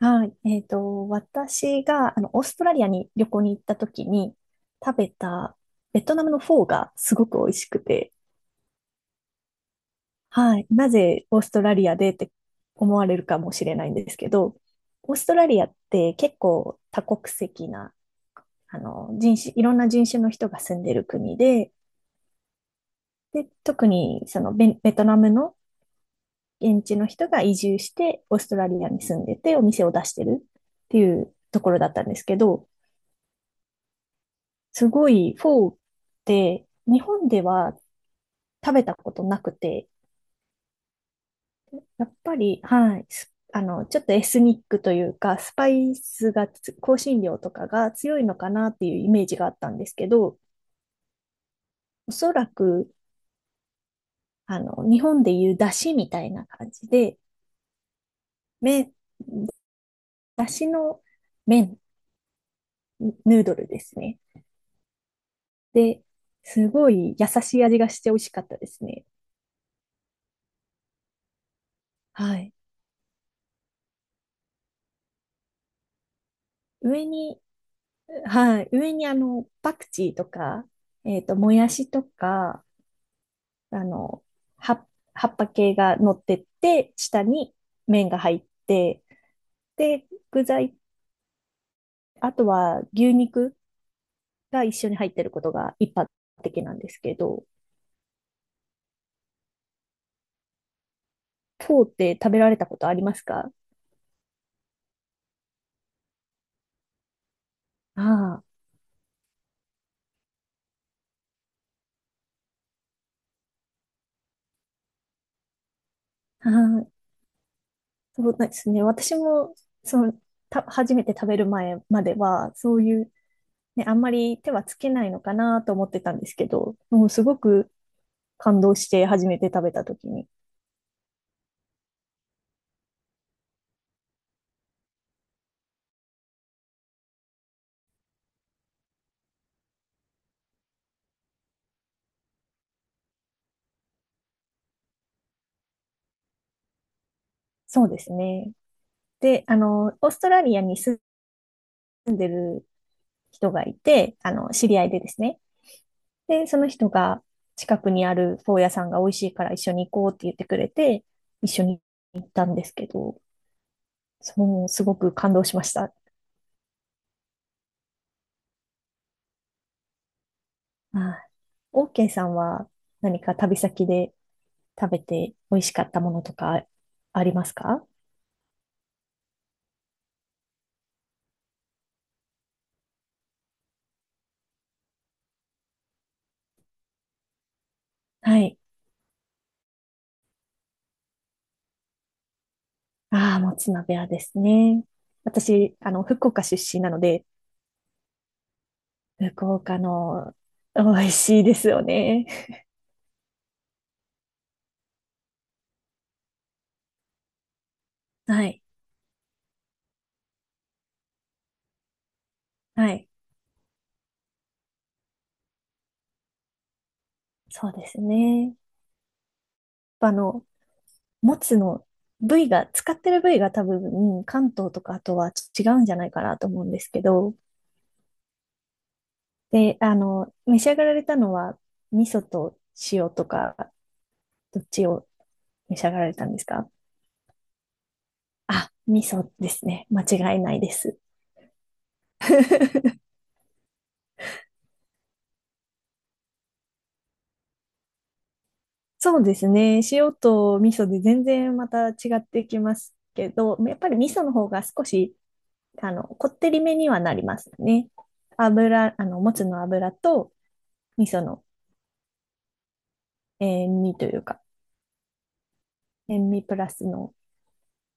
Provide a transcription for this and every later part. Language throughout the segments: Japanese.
はい。私が、オーストラリアに旅行に行った時に食べたベトナムのフォーがすごく美味しくて、はい。なぜオーストラリアでって思われるかもしれないんですけど、オーストラリアって結構多国籍な、人種、いろんな人種の人が住んでる国で、で、特にそのベトナムの現地の人が移住してオーストラリアに住んでてお店を出してるっていうところだったんですけど、すごいフォーって日本では食べたことなくて、やっぱり、はい、すあの、ちょっとエスニックというか、スパイスがつ、香辛料とかが強いのかなっていうイメージがあったんですけど、おそらく、日本でいう出汁みたいな感じで、麺、出汁の麺、ヌードルですね。で、すごい優しい味がして美味しかったですね。はい。上にはい。上にパクチーとか、もやしとか、あの、葉、葉っぱ系が乗ってって、下に麺が入って、で、具材、あとは牛肉が一緒に入ってることが一般的なんですけど、フォーって食べられたことありますか？ああ、はい。そうですね。私も、その、初めて食べる前までは、そういう、ね、あんまり手はつけないのかなと思ってたんですけど、もうすごく感動して初めて食べた時に。そうですね。で、オーストラリアに住んでる人がいて、知り合いでですね。で、その人が近くにあるフォー屋さんが美味しいから一緒に行こうって言ってくれて、一緒に行ったんですけど、そのすごく感動しました。はい。オーケーさんは何か旅先で食べて美味しかったものとかありますか？はい。ああ、もつ鍋はですね。私、福岡出身なので、福岡の美味しいですよね。はい。はい。そうですね。あの、もつの部位が、使ってる部位が多分、関東とかあとは違うんじゃないかなと思うんですけど、で、召し上がられたのは、味噌と塩とか、どっちを召し上がられたんですか？あ、味噌ですね。間違いないです。そうですね。塩と味噌で全然また違ってきますけど、やっぱり味噌の方が少しこってりめにはなりますね。油、もつの油と味噌の塩味というか、塩味プラスの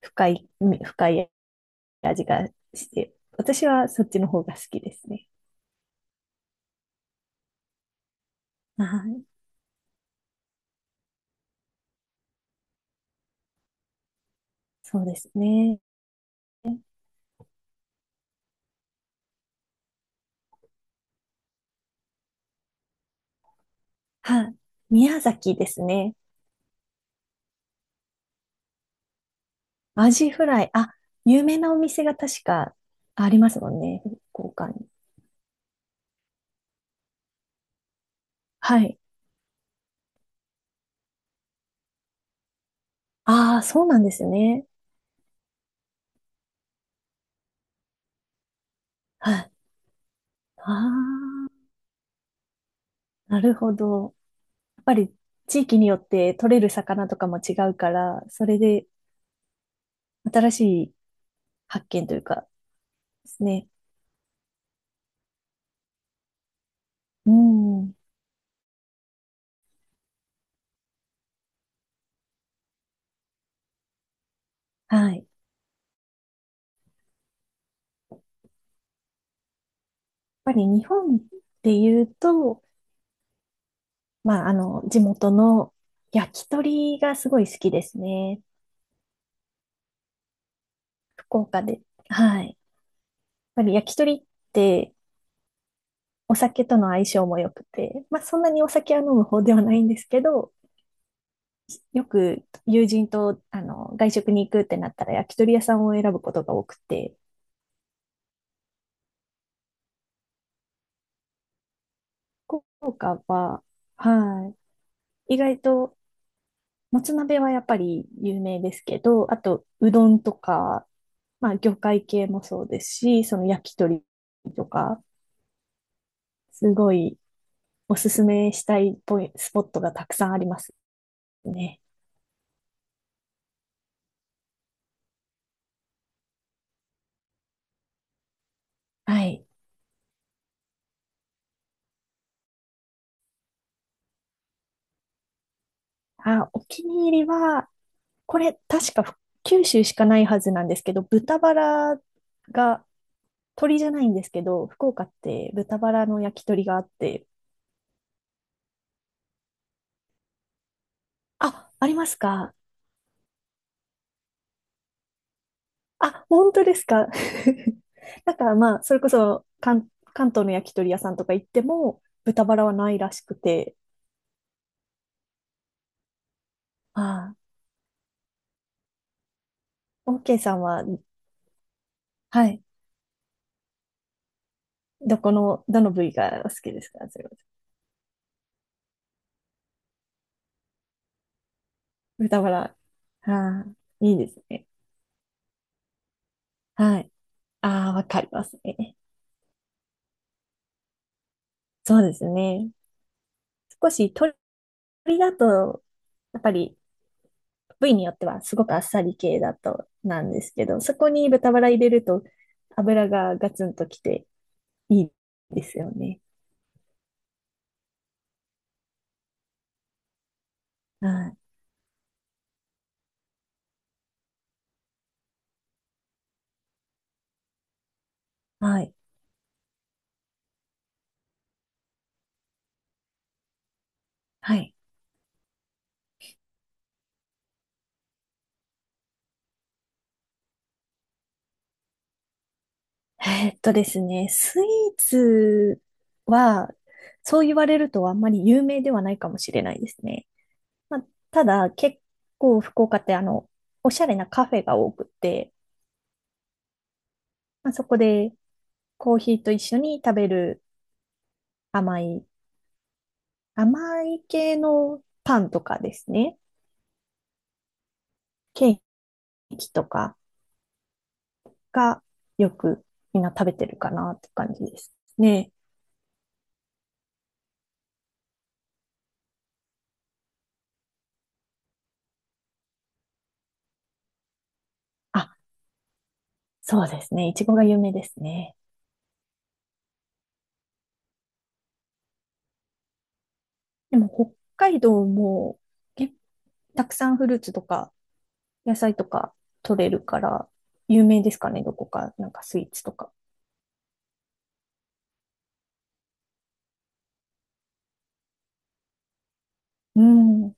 深い、深い味がして、私はそっちの方が好きですね。はい。そうですね。はい。宮崎ですね。アジフライ。あ、有名なお店が確かありますもんね。福岡に。はい。ああ、そうなんですね。はい。ああ、なるほど。っぱり地域によって取れる魚とかも違うから、それで新しい発見というかですね。うん。はい。やっぱり日本でいうと、まあ、地元の焼き鳥がすごい好きですね。福岡で。はい。やっぱり焼き鳥ってお酒との相性も良くて、まあ、そんなにお酒は飲む方ではないんですけど、よく友人と外食に行くってなったら焼き鳥屋さんを選ぶことが多くて、福岡は、はい。意外と、もつ鍋はやっぱり有名ですけど、あと、うどんとか、まあ、魚介系もそうですし、その焼き鳥とか、すごいおすすめしたいポイスポットがたくさんありますね。はい。あ、お気に入りは、これ、確か九州しかないはずなんですけど、豚バラが、鳥じゃないんですけど、福岡って豚バラの焼き鳥があって、あ、ありますか？あ、本当ですか。だからまあ、それこそ関東の焼き鳥屋さんとか行っても、豚バラはないらしくて。ああ、オーケーさんは、はい。どこの、どの部位がお好きですかそれは？豚バラ。ああ、いいですね。はい。ああ、わかりますね。そうですね。少し鶏だと、やっぱり部位によってはすごくあっさり系だとなんですけど、そこに豚バラ入れると油がガツンときていいですよね。はい。はい。はい。ですね、スイーツは、そう言われるとあんまり有名ではないかもしれないですね。まあ、ただ、結構福岡っておしゃれなカフェが多くて、まあ、そこでコーヒーと一緒に食べる甘い、甘い系のパンとかですね、ケーキとかがよくみんな食べてるかなって感じですね。あ、そうですね。いちごが有名ですね。でも北海道もけたくさんフルーツとか野菜とか取れるから有名ですかね、どこか、なんかスイーツとか。うん。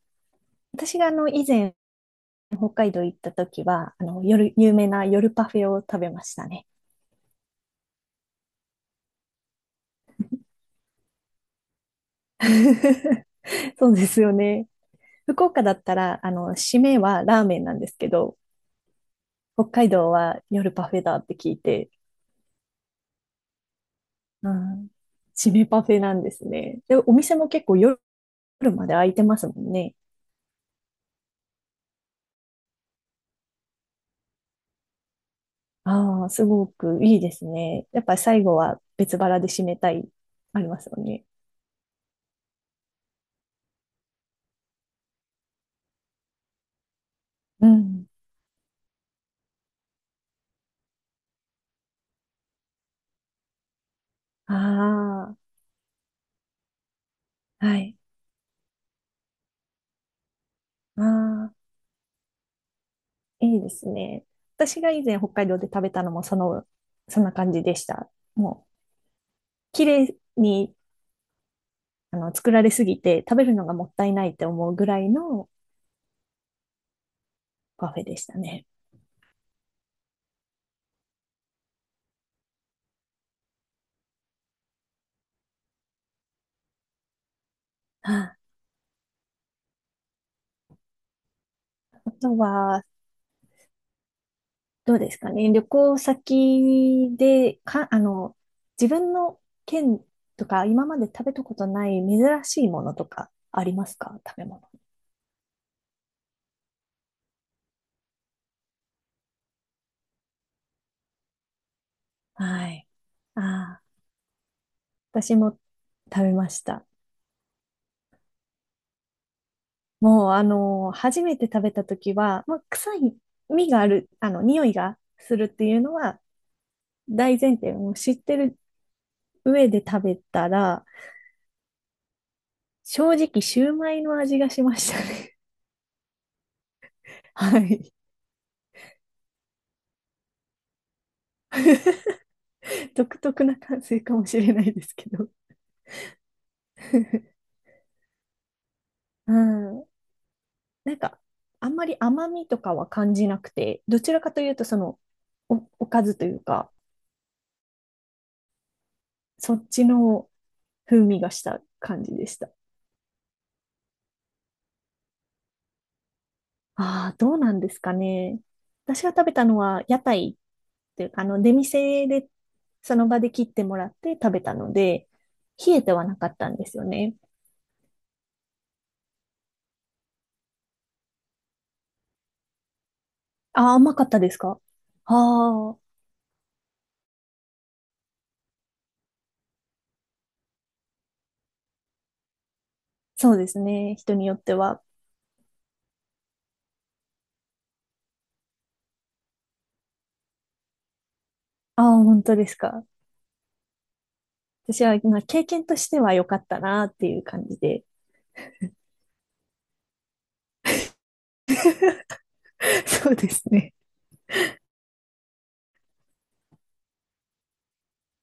私が以前北海道行った時は、あの夜、有名な夜パフェを食べましたね。そうですよね。福岡だったら、締めはラーメンなんですけど、北海道は夜パフェだって聞いて、うん、締めパフェなんですね。で、お店も結構夜まで開いてますもんね。ああ、すごくいいですね。やっぱり最後は別腹で締めたい、ありますよね。うん。ああ、はい。ああ、いいですね。私が以前北海道で食べたのもその、そんな感じでした。もう、綺麗に、作られすぎて食べるのがもったいないって思うぐらいのパフェでしたね。ああ、あとは、どうですかね。旅行先で、か、自分の県とか、今まで食べたことない珍しいものとかありますか食べ物？はい。ああ、私も食べました。もう、初めて食べた時は、まあ、臭い、味がある、匂いがするっていうのは大前提、もう知ってる上で食べたら、正直、シューマイの味がしましたね。はい。独特な感性かもしれないですけど。うん。なんか、あんまり甘みとかは感じなくて、どちらかというと、その、おかずというか、そっちの風味がした感じでした。ああ、どうなんですかね。私が食べたのは屋台っていうか、出店で、その場で切ってもらって食べたので、冷えてはなかったんですよね。ああ、甘かったですか？ああ、そうですね。人によっては。ああ、本当ですか。私は、まあ、経験としては良かったなっていう感じで。そうですね。